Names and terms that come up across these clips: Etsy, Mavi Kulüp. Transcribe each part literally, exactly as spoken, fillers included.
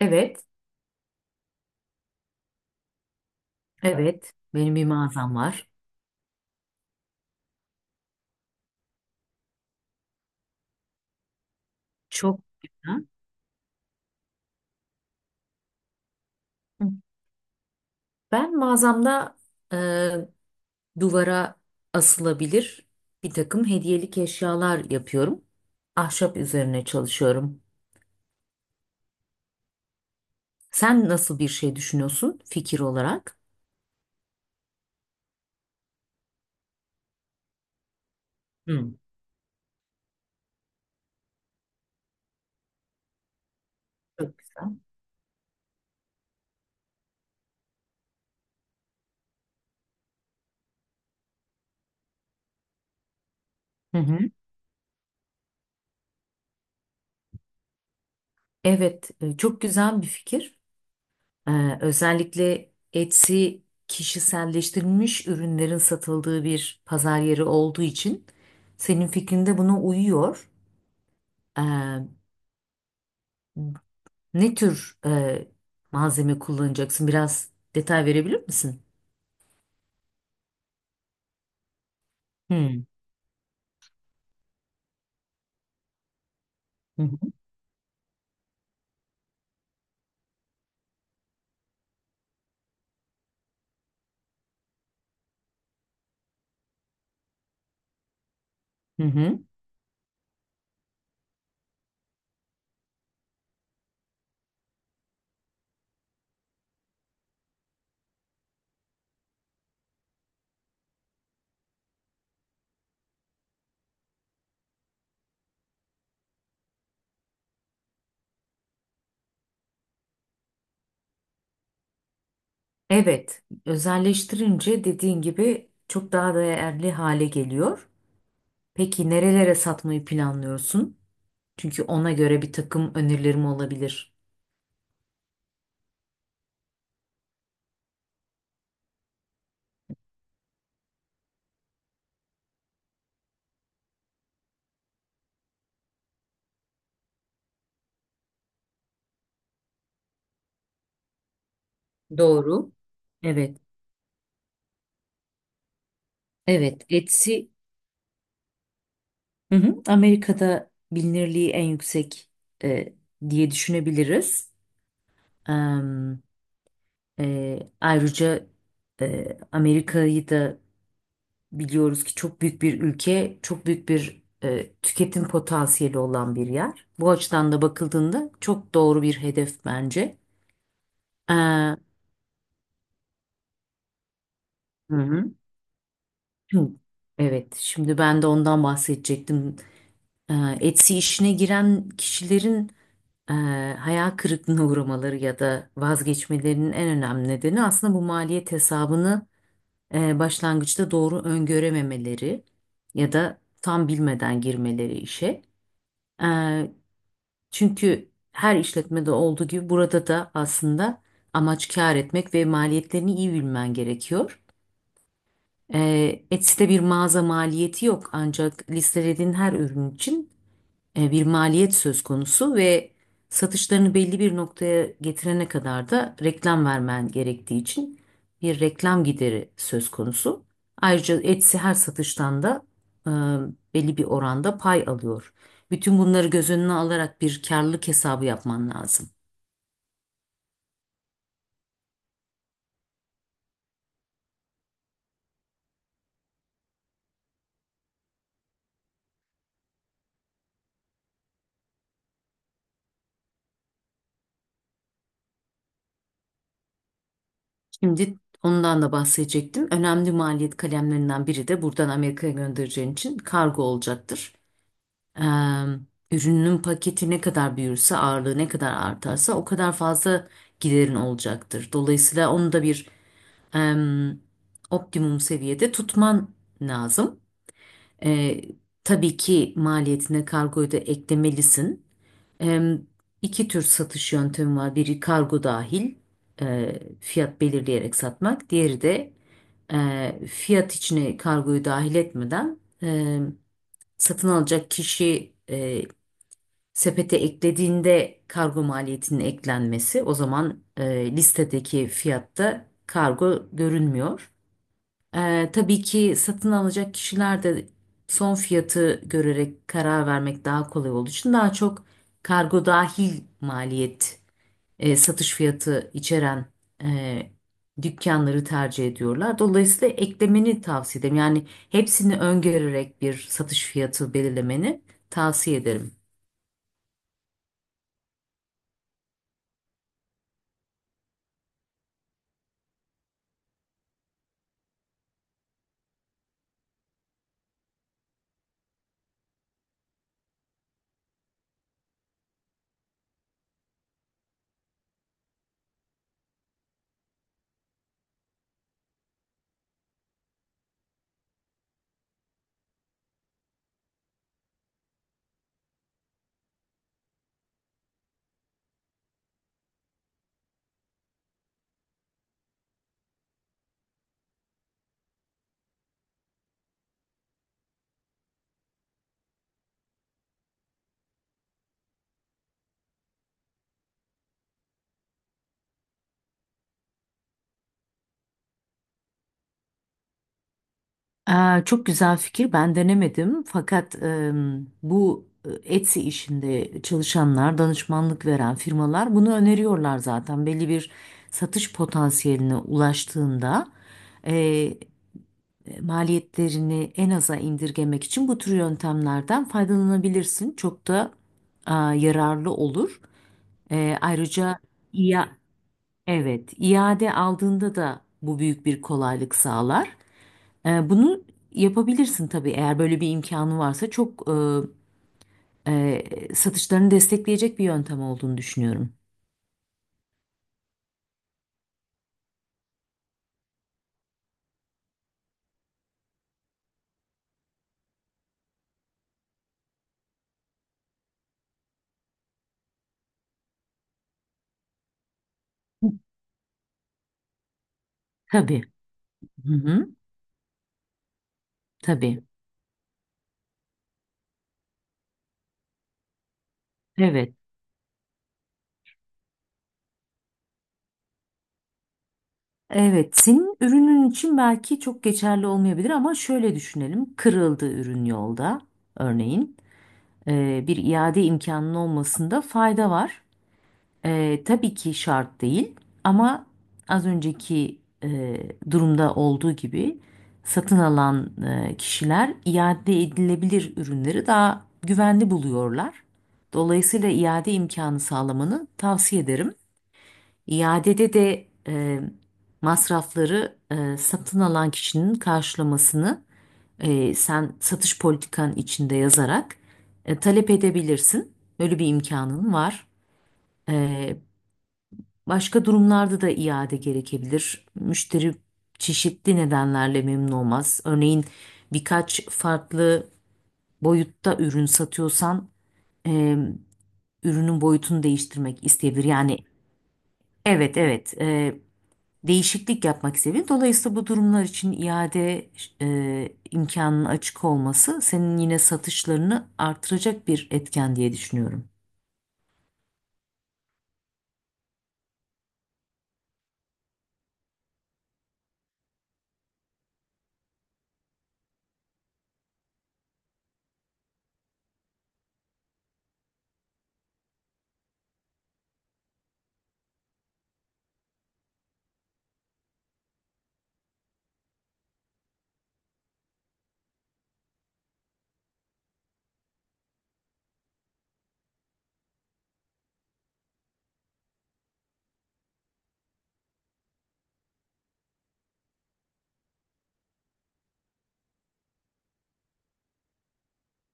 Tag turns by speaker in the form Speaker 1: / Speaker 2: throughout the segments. Speaker 1: Evet, evet. Benim bir mağazam var. Çok güzel. Ben mağazamda e, duvara asılabilir bir takım hediyelik eşyalar yapıyorum. Ahşap üzerine çalışıyorum. Sen nasıl bir şey düşünüyorsun fikir olarak? Hı. Çok güzel. Hı hı. Evet, e, çok güzel bir fikir. E, özellikle Etsy kişiselleştirilmiş ürünlerin satıldığı bir pazar yeri olduğu için senin fikrinde buna uyuyor. Eee, ne tür eee, malzeme kullanacaksın? Biraz detay verebilir misin? Hmm. Hı hı. Hı hı. Evet, özelleştirince dediğin gibi çok daha değerli hale geliyor. Peki nerelere satmayı planlıyorsun? Çünkü ona göre bir takım önerilerim olabilir. Doğru. Evet, evet. Etsy, hı hı. Amerika'da bilinirliği en yüksek eee, diye düşünebiliriz. Ee, ayrıca e, Amerika'yı da biliyoruz ki çok büyük bir ülke, çok büyük bir e, tüketim potansiyeli olan bir yer. Bu açıdan da bakıldığında çok doğru bir hedef bence. Ee, hı hı. Hı. Evet, şimdi ben de ondan bahsedecektim. Ee, Etsy işine giren kişilerin e, hayal kırıklığına uğramaları ya da vazgeçmelerinin en önemli nedeni aslında bu maliyet hesabını e, başlangıçta doğru öngörememeleri ya da tam bilmeden girmeleri işe. E, çünkü her işletmede olduğu gibi burada da aslında amaç kâr etmek ve maliyetlerini iyi bilmen gerekiyor. E, Etsy'de bir mağaza maliyeti yok ancak listelediğin her ürün için e, bir maliyet söz konusu ve satışlarını belli bir noktaya getirene kadar da reklam vermen gerektiği için bir reklam gideri söz konusu. Ayrıca Etsy her satıştan da e, belli bir oranda pay alıyor. Bütün bunları göz önüne alarak bir karlılık hesabı yapman lazım. Şimdi ondan da bahsedecektim. Önemli maliyet kalemlerinden biri de buradan Amerika'ya göndereceğin için kargo olacaktır. Eee, ürünün paketi ne kadar büyürse, ağırlığı ne kadar artarsa o kadar fazla giderin olacaktır. Dolayısıyla onu da bir em, optimum seviyede tutman lazım. Eee, tabii ki maliyetine kargoyu da eklemelisin. Em, iki tür satış yöntemi var. Biri kargo dahil eee, fiyat belirleyerek satmak. Diğeri de eee, fiyat içine kargoyu dahil etmeden eee satın alacak kişi sepete eklediğinde kargo maliyetinin eklenmesi, o zaman e, listedeki fiyatta kargo görünmüyor. E, tabii ki satın alacak kişiler de son fiyatı görerek karar vermek daha kolay olduğu için daha çok kargo dahil maliyet, e, satış fiyatı içeren e, dükkanları tercih ediyorlar. Dolayısıyla eklemeni tavsiye ederim. Yani hepsini öngörerek bir satış fiyatı belirlemeni tavsiye ederim. Aa, çok güzel fikir. Ben denemedim. Fakat em, bu e, Etsy işinde çalışanlar, danışmanlık veren firmalar bunu öneriyorlar zaten. Belli bir satış potansiyeline ulaştığında e, maliyetlerini en aza indirgemek için bu tür yöntemlerden faydalanabilirsin. Çok da aa, yararlı olur. E, ayrıca ya, evet, iade aldığında da bu büyük bir kolaylık sağlar. Ee, bunu yapabilirsin tabii, eğer böyle bir imkanı varsa çok e, e, satışlarını destekleyecek bir yöntem olduğunu düşünüyorum. Tabii. Hı hı. Tabii. Evet. Evet, senin ürünün için belki çok geçerli olmayabilir ama şöyle düşünelim. Kırıldı ürün yolda örneğin. Ee, bir iade imkanının olmasında fayda var. Ee, tabii ki şart değil ama az önceki e, durumda olduğu gibi satın alan e, kişiler iade edilebilir ürünleri daha güvenli buluyorlar. Dolayısıyla iade imkanı sağlamanı tavsiye ederim. İadede de e, masrafları, e, satın alan kişinin karşılamasını e, sen satış politikan içinde yazarak e, talep edebilirsin. Böyle bir imkanın var. E, Başka durumlarda da iade gerekebilir. Müşteri çeşitli nedenlerle memnun olmaz. Örneğin birkaç farklı boyutta ürün satıyorsan e, ürünün boyutunu değiştirmek isteyebilir. Yani, evet, evet, e, değişiklik yapmak isteyebilir. Dolayısıyla bu durumlar için iade e, imkanının açık olması senin yine satışlarını artıracak bir etken diye düşünüyorum.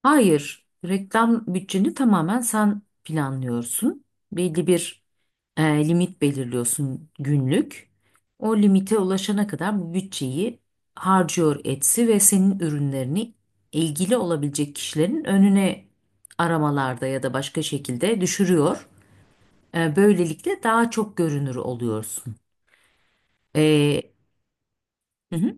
Speaker 1: Hayır, reklam bütçeni tamamen sen planlıyorsun. Belli bir e, limit belirliyorsun günlük. O limite ulaşana kadar bu bütçeyi harcıyor Etsy ve senin ürünlerini ilgili olabilecek kişilerin önüne aramalarda ya da başka şekilde düşürüyor. E, böylelikle daha çok görünür oluyorsun. E, hı hı.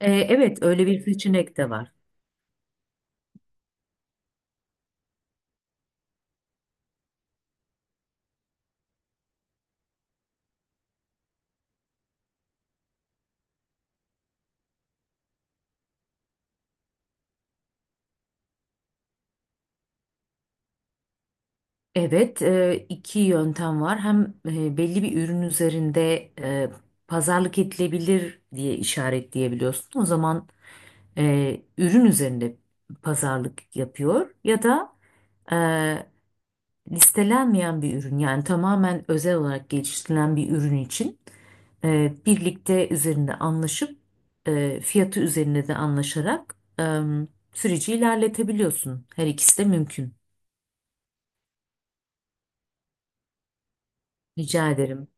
Speaker 1: E, evet öyle bir seçenek de var. Evet, e, iki yöntem var. Hem e, belli bir ürün üzerinde e, pazarlık edilebilir diye işaretleyebiliyorsun. O zaman e, ürün üzerinde pazarlık yapıyor ya da e, listelenmeyen bir ürün, yani tamamen özel olarak geliştirilen bir ürün için e, birlikte üzerinde anlaşıp e, fiyatı üzerinde de anlaşarak e, süreci ilerletebiliyorsun. Her ikisi de mümkün. Rica ederim.